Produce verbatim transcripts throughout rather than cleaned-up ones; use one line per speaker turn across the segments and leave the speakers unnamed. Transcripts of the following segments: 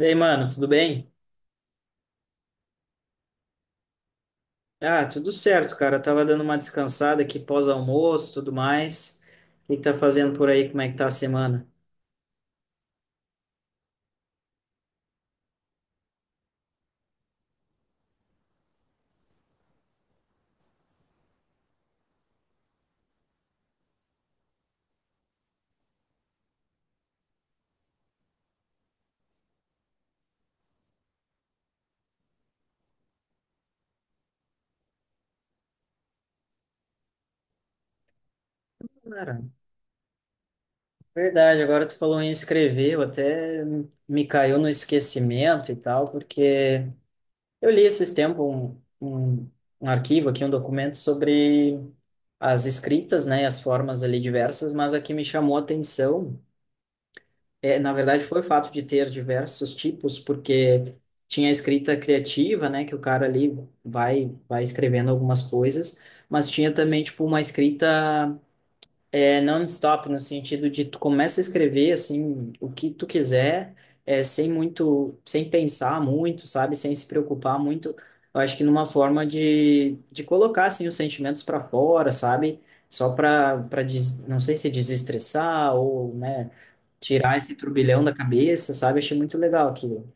E aí, mano, tudo bem? Ah, tudo certo, cara. Eu tava dando uma descansada aqui pós-almoço, tudo mais. O que que tá fazendo por aí? Como é que tá a semana? Cara, verdade, agora tu falou em escrever, eu até me caiu no esquecimento e tal, porque eu li esses tempos um, um, um arquivo aqui, um documento sobre as escritas, né, e as formas ali diversas, mas a que me chamou a atenção. É, na verdade, foi o fato de ter diversos tipos, porque tinha a escrita criativa, né, que o cara ali vai vai escrevendo algumas coisas, mas tinha também tipo uma escrita é non-stop, no sentido de tu começa a escrever, assim, o que tu quiser, é, sem muito, sem pensar muito, sabe? Sem se preocupar muito. Eu acho que numa forma de, de colocar, assim, os sentimentos para fora, sabe? Só para, para, não sei se é desestressar ou, né, tirar esse turbilhão da cabeça, sabe? Achei muito legal aquilo.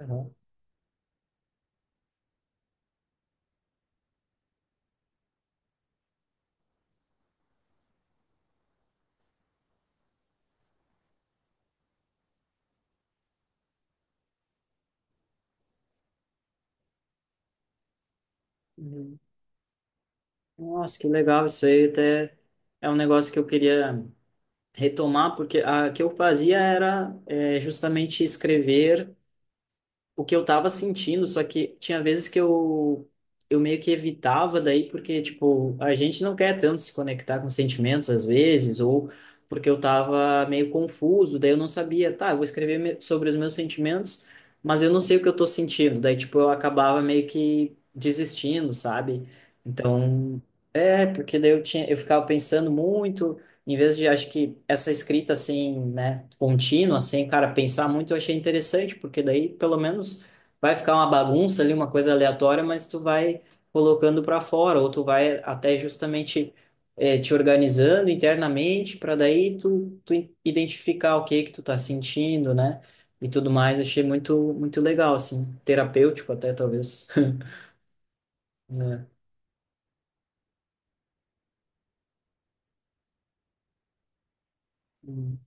Aham. Uhum. Nossa, que legal isso aí, até é um negócio que eu queria retomar, porque a que eu fazia era é, justamente escrever o que eu estava sentindo, só que tinha vezes que eu, eu meio que evitava daí, porque, tipo, a gente não quer tanto se conectar com sentimentos às vezes, ou porque eu estava meio confuso, daí eu não sabia, tá, eu vou escrever me- sobre os meus sentimentos, mas eu não sei o que eu estou sentindo, daí, tipo, eu acabava meio que desistindo, sabe? Então, é, porque daí eu tinha, eu ficava pensando muito, em vez de, acho que essa escrita assim, né, contínua, assim, cara, pensar muito, eu achei interessante, porque daí pelo menos vai ficar uma bagunça ali, uma coisa aleatória, mas tu vai colocando para fora, ou tu vai até justamente eh, te organizando internamente, para daí tu, tu identificar o que que tu tá sentindo, né, e tudo mais. Achei muito, muito legal, assim, terapêutico até, talvez. É, hum,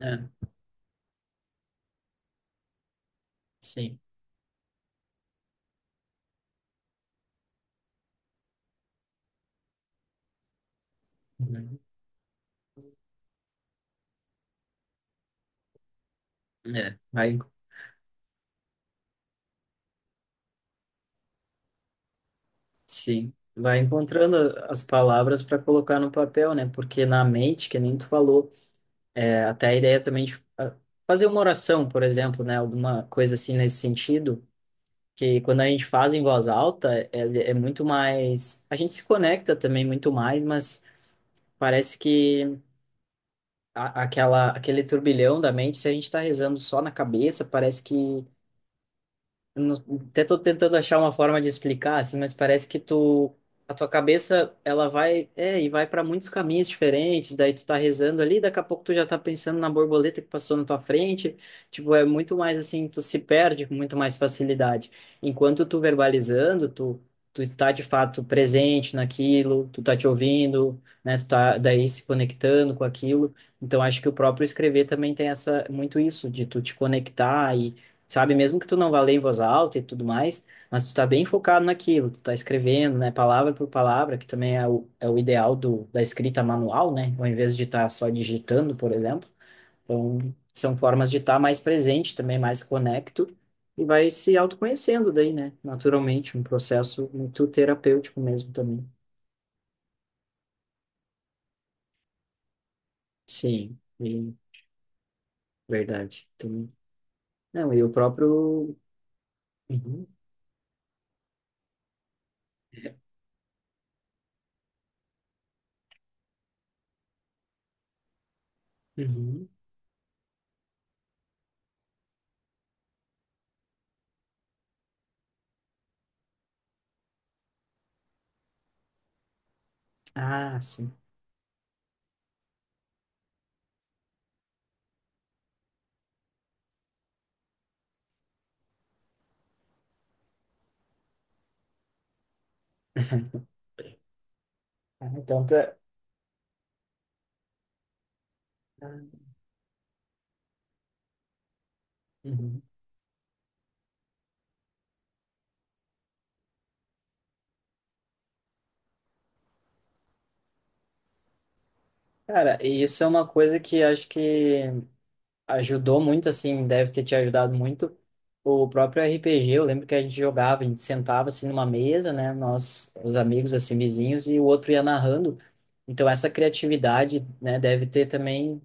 é, sim. Uhum. É, vai. Sim, vai encontrando as palavras para colocar no papel, né? Porque na mente, que nem tu falou, é, até a ideia também de fa- fazer uma oração, por exemplo, né? Alguma coisa assim nesse sentido, que quando a gente faz em voz alta, é, é muito mais. A gente se conecta também muito mais, mas parece que a- aquela, aquele turbilhão da mente, se a gente está rezando só na cabeça, parece que eu não- até tô tentando achar uma forma de explicar, assim, mas parece que tu, a tua cabeça, ela vai, é, e vai para muitos caminhos diferentes, daí tu tá rezando ali, daqui a pouco tu já tá pensando na borboleta que passou na tua frente, tipo, é muito mais assim, tu se perde com muito mais facilidade. Enquanto tu verbalizando, tu tu está de fato presente naquilo, tu tá te ouvindo, né, tu tá daí se conectando com aquilo. Então acho que o próprio escrever também tem essa muito isso de tu te conectar e sabe? Mesmo que tu não vá ler em voz alta e tudo mais, mas tu tá bem focado naquilo, tu tá escrevendo, né? Palavra por palavra, que também é o, é o ideal do, da escrita manual, né? Ao invés de estar só digitando, por exemplo. Então, são formas de estar mais presente também, mais conecto, e vai se autoconhecendo daí, né? Naturalmente, um processo muito terapêutico mesmo também. Sim, e- verdade. Também. Não, e o próprio... Uhum, uhum. Ah, sim. Ah, então, tá... ah, uhum. Cara, e isso é uma coisa que acho que ajudou muito, assim, deve ter te ajudado muito. O próprio R P G, eu lembro que a gente jogava, a gente sentava assim numa mesa, né? Nós, os amigos, assim, vizinhos, e o outro ia narrando. Então, essa criatividade, né, deve ter também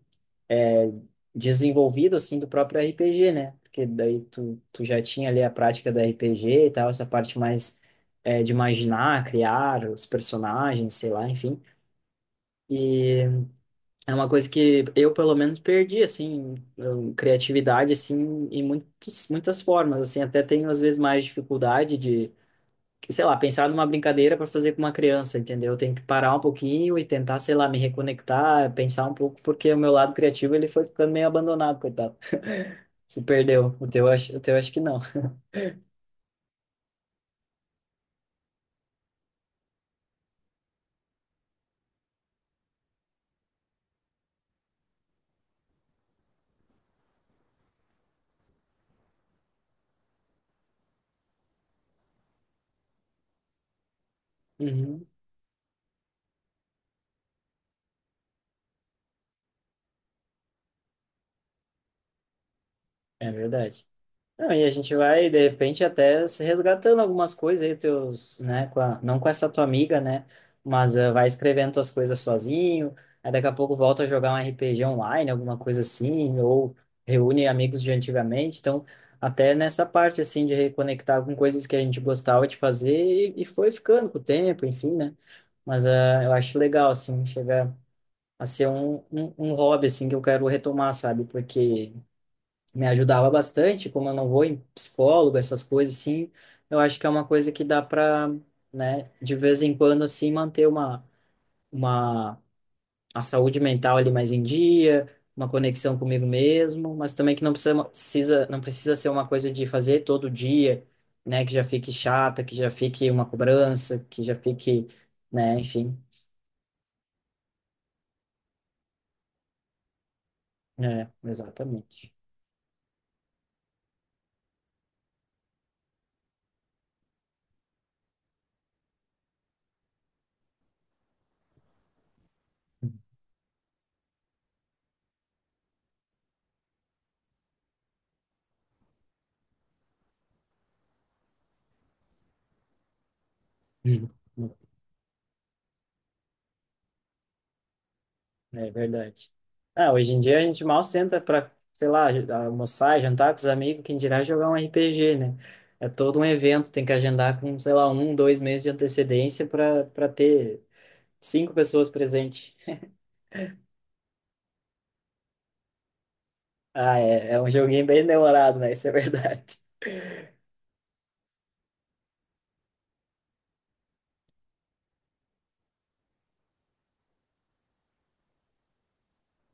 é, desenvolvido, assim, do próprio R P G, né? Porque daí tu, tu já tinha ali a prática do R P G e tal, essa parte mais é, de imaginar, criar os personagens, sei lá, enfim. E é uma coisa que eu, pelo menos, perdi, assim, eu- criatividade, assim, em muitos, muitas formas, assim, até tenho, às vezes, mais dificuldade de, sei lá, pensar numa brincadeira para fazer com uma criança, entendeu? Eu tenho que parar um pouquinho e tentar, sei lá, me reconectar, pensar um pouco, porque o meu lado criativo, ele foi ficando meio abandonado, coitado. Se perdeu. O teu, acho, o teu acho que não. Uhum. É verdade. Não, e a gente vai, de repente, até se resgatando algumas coisas aí, teus, né, com a- não com essa tua amiga, né, mas eh, vai escrevendo tuas coisas sozinho, aí daqui a pouco volta a jogar um R P G online, alguma coisa assim, ou reúne amigos de antigamente, então, até nessa parte, assim, de reconectar com coisas que a gente gostava de fazer e, e foi ficando com o tempo, enfim, né, mas eh, eu acho legal, assim, chegar a ser um, um, um hobby, assim, que eu quero retomar, sabe, porque me ajudava bastante, como eu não vou em psicólogo, essas coisas assim, eu acho que é uma coisa que dá para, né, de vez em quando assim manter uma uma a saúde mental ali mais em dia, uma conexão comigo mesmo, mas também que não precisa precisa não precisa ser uma coisa de fazer todo dia, né, que já fique chata, que já fique uma cobrança, que já fique, né, enfim, é, exatamente. Digo. É verdade. Ah, hoje em dia a gente mal senta para, sei lá, almoçar, jantar com os amigos, quem dirá jogar um R P G, né? É todo um evento, tem que agendar com, sei lá, um, dois meses de antecedência para para ter cinco pessoas presentes. Ah, é, é um joguinho bem demorado, né? Isso é verdade.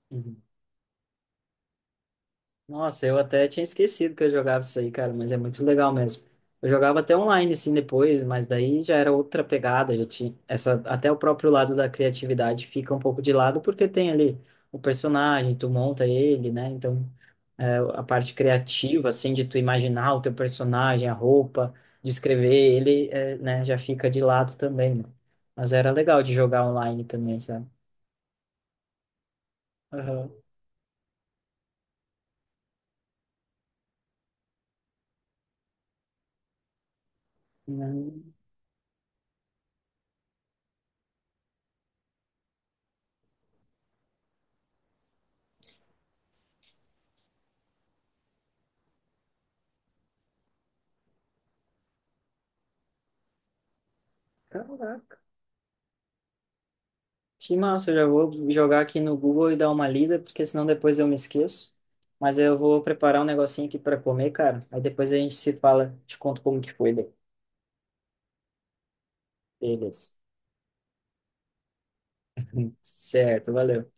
Uhum. Nossa, eu até tinha esquecido que eu jogava isso aí, cara, mas é muito legal mesmo. Eu jogava até online, assim, depois, mas daí já era outra pegada, já tinha essa, até o próprio lado da criatividade fica um pouco de lado, porque tem ali o personagem, tu monta ele, né? Então, é, a parte criativa, assim, de tu imaginar o teu personagem, a roupa, descrever ele, é, né, já fica de lado também, né? Mas era legal de jogar online também, sabe? Aham. Hum. Que massa, eu já vou jogar aqui no Google e dar uma lida, porque senão depois eu me esqueço. Mas eu vou preparar um negocinho aqui para comer, cara. Aí depois a gente se fala, te conto como que foi. Daí. Beleza. Certo, valeu.